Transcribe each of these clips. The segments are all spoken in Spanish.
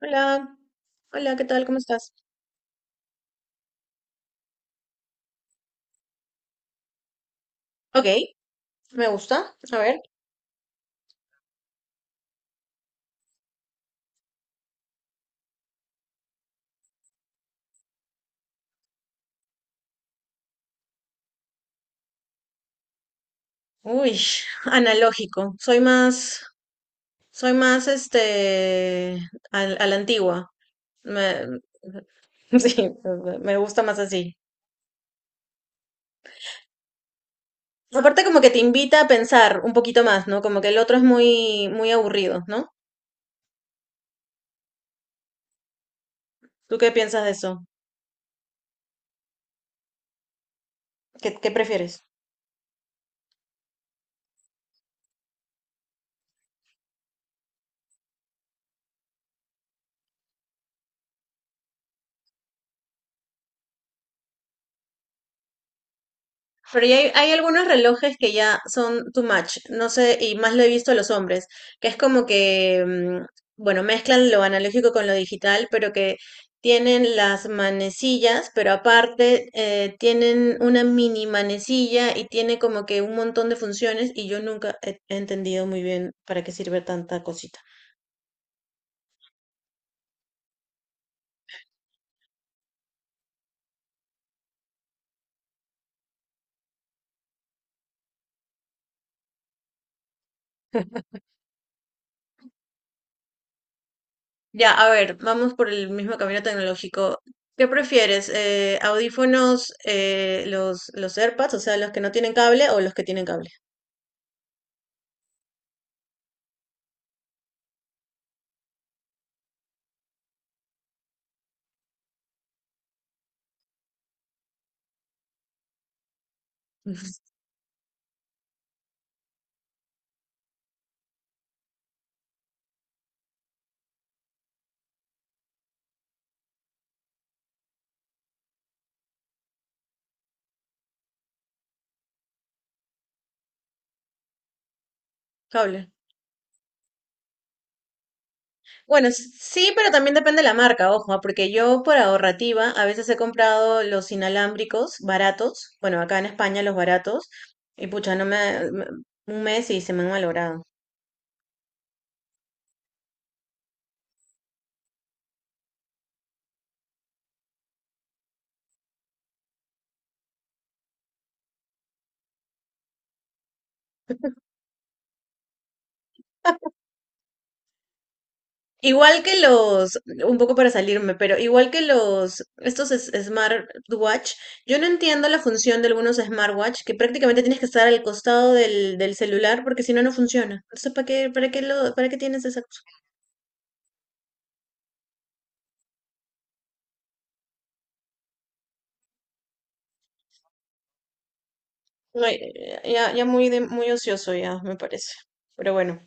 Hola, hola, ¿qué tal? ¿Cómo estás? Ok, me gusta. A ver. Uy, analógico. Soy más la antigua. Me, sí, me gusta más así. Aparte como que te invita a pensar un poquito más, ¿no? Como que el otro es muy, muy aburrido, ¿no? ¿Tú qué piensas de eso? ¿ qué prefieres? Pero ya hay algunos relojes que ya son too much, no sé, y más lo he visto a los hombres, que es como que, bueno, mezclan lo analógico con lo digital, pero que tienen las manecillas, pero aparte tienen una mini manecilla y tiene como que un montón de funciones y yo nunca he entendido muy bien para qué sirve tanta cosita. Ya, a ver, vamos por el mismo camino tecnológico. ¿Qué prefieres? ¿Audífonos, los AirPods, o sea, los que no tienen cable o los que tienen cable? Cable. Bueno, sí, pero también depende de la marca, ojo, ah, porque yo por ahorrativa a veces he comprado los inalámbricos baratos, bueno, acá en España los baratos, y pucha, no me, un mes y se me han malogrado. Igual que los, un poco para salirme, pero igual que los, estos smartwatch, yo no entiendo la función de algunos smartwatch que prácticamente tienes que estar al costado del celular porque si no, no funciona. Entonces, ¿ para qué tienes esa cosa? No, ya muy, muy ocioso ya, me parece. Pero bueno.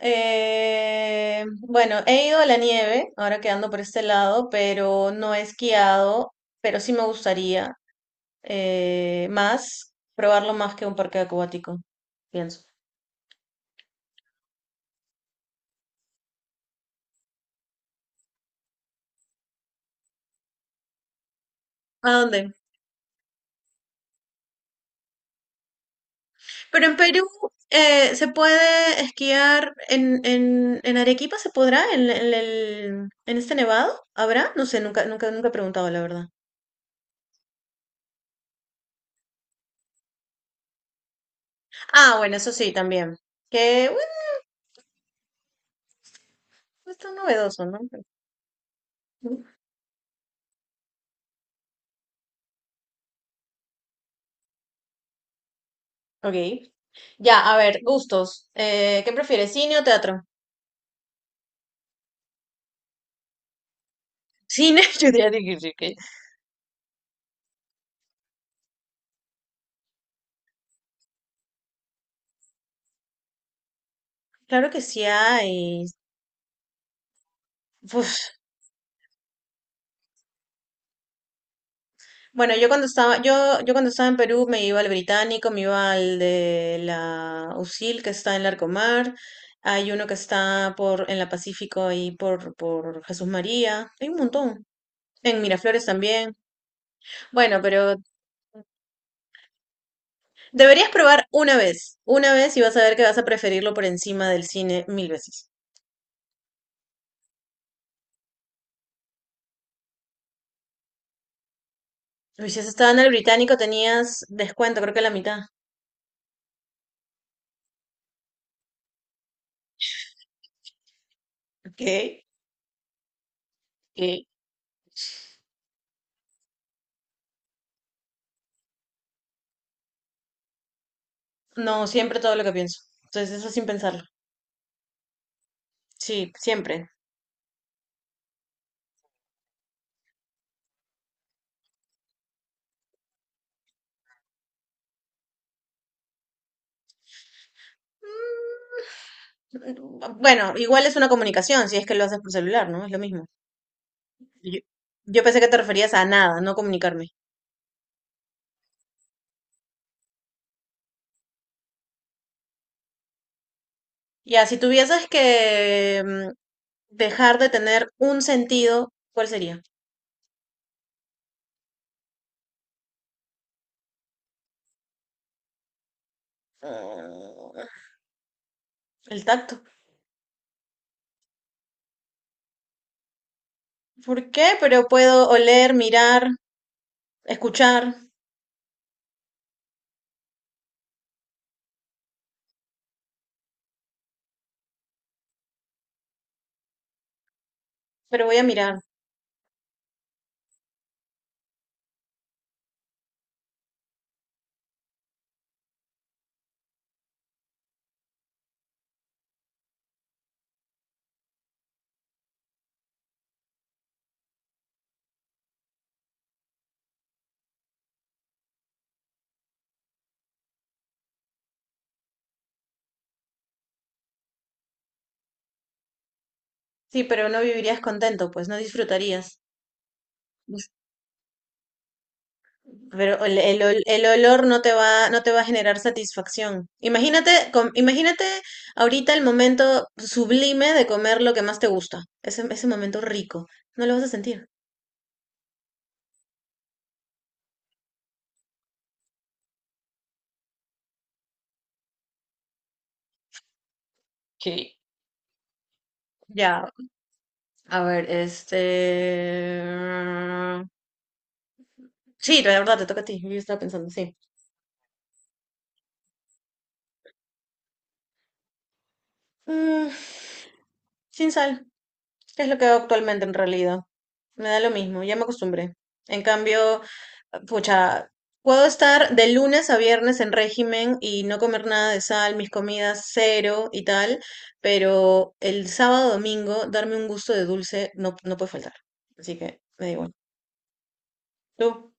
Bueno, he ido a la nieve, ahora quedando por este lado, pero no he esquiado, pero sí me gustaría. Más, probarlo más que un parque acuático, pienso. ¿A dónde? Pero en Perú se puede esquiar en Arequipa, ¿se podrá? ¿ En este nevado? ¿Habrá? No sé, nunca, nunca, nunca he preguntado, la verdad. Ah, bueno, eso sí, también. Que, bueno, es tan novedoso, ¿no? Ok. Ya, a ver, gustos. ¿Qué prefieres, cine o teatro? Cine, yo diría. Ya sí, que Claro que sí hay. Uf. Yo cuando estaba en Perú me iba al Británico, me iba al de la USIL que está en Larcomar, hay uno que está en la Pacífico ahí por Jesús María, hay un montón. En Miraflores también. Bueno, pero deberías probar una vez y vas a ver que vas a preferirlo por encima del cine mil veces. Uy, si has estado en el Británico tenías descuento, creo que la mitad. ¿Qué? ¿Qué? No, siempre todo lo que pienso. Entonces eso sin pensarlo. Sí, siempre. Bueno, igual es una comunicación, si es que lo haces por celular, ¿no? Es lo mismo. Yo, yo pensé que te referías a nada, no comunicarme. Ya, si tuvieses que dejar de tener un sentido, ¿cuál sería? Mm, El tacto. ¿Por qué? Pero puedo oler, mirar, escuchar, pero voy a mirar. Sí, pero no vivirías contento, pues no disfrutarías. Pero el olor no te no te va a generar satisfacción. Imagínate, imagínate ahorita el momento sublime de comer lo que más te gusta. Ese momento rico. No lo vas a sentir. Sí. Ya, a ver, este... Sí, la verdad, te toca a ti. Yo estaba pensando, sí. Mm, sin sal, que es lo que hago actualmente en realidad. Me da lo mismo, ya me acostumbré. En cambio, pucha, puedo estar de lunes a viernes en régimen y no comer nada de sal, mis comidas cero y tal, pero el sábado, domingo, darme un gusto de dulce no, no puede faltar. Así que me da igual. ¿Tú?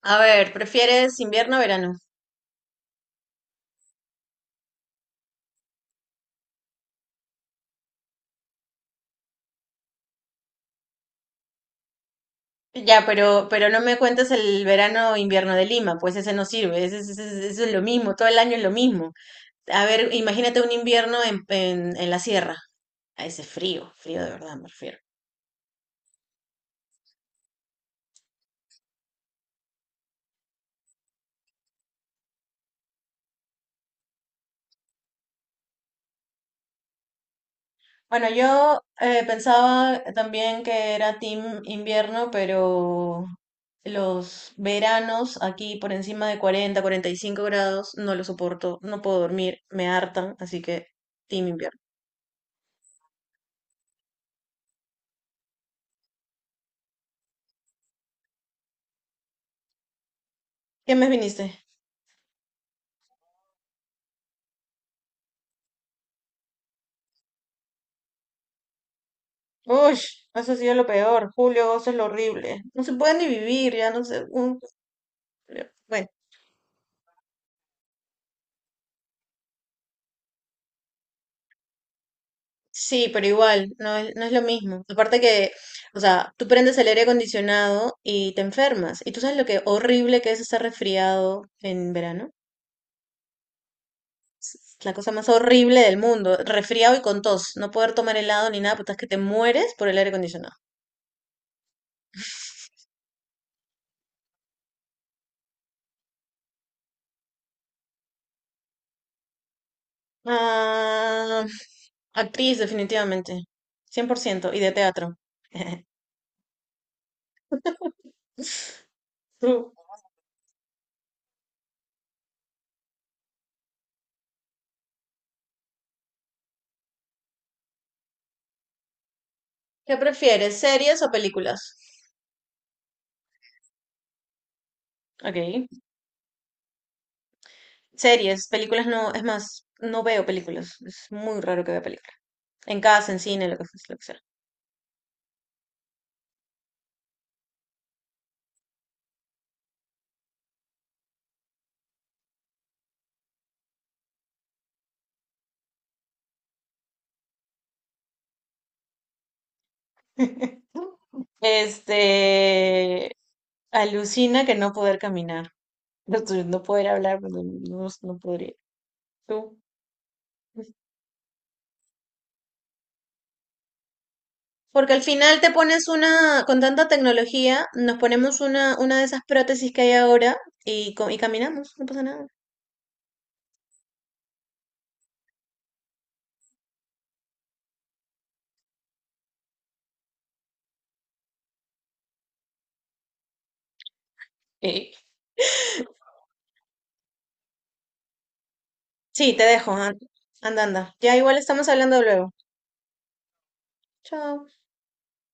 A ver, ¿prefieres invierno o verano? Ya, pero no me cuentes el verano o invierno de Lima, pues ese no sirve, ese, eso es lo mismo, todo el año es lo mismo. A ver, imagínate un invierno en la sierra, a ese frío, frío de verdad me refiero. Bueno, yo pensaba también que era team invierno, pero los veranos aquí por encima de cuarenta, cuarenta y cinco grados, no lo soporto, no puedo dormir, me hartan, así que team invierno. ¿Qué mes viniste? Uy, eso ha sido lo peor, julio, agosto es lo horrible. No se puede ni vivir, ya no sé. Un- Bueno, sí, pero igual, no es lo mismo. Aparte que, o sea, tú prendes el aire acondicionado y te enfermas. ¿Y tú sabes lo que horrible que es estar resfriado en verano? Es la cosa más horrible del mundo. Resfriado y con tos. No poder tomar helado ni nada, puta, es que te mueres por el aire acondicionado. Ah, actriz, definitivamente. Cien por ciento y de teatro. Tú, ¿qué prefieres, series o películas? Ok. Series, películas no, es más, no veo películas. Es muy raro que vea películas. En casa, en cine, lo que sea. Este, alucina que no poder caminar. No, tú, no poder hablar, pues, no podría. Tú. Porque al final te pones una, con tanta tecnología, nos ponemos una de esas prótesis que hay ahora y, y caminamos, no pasa nada. Sí. Sí, te dejo, an- anda, anda. Ya igual estamos hablando luego. Chao.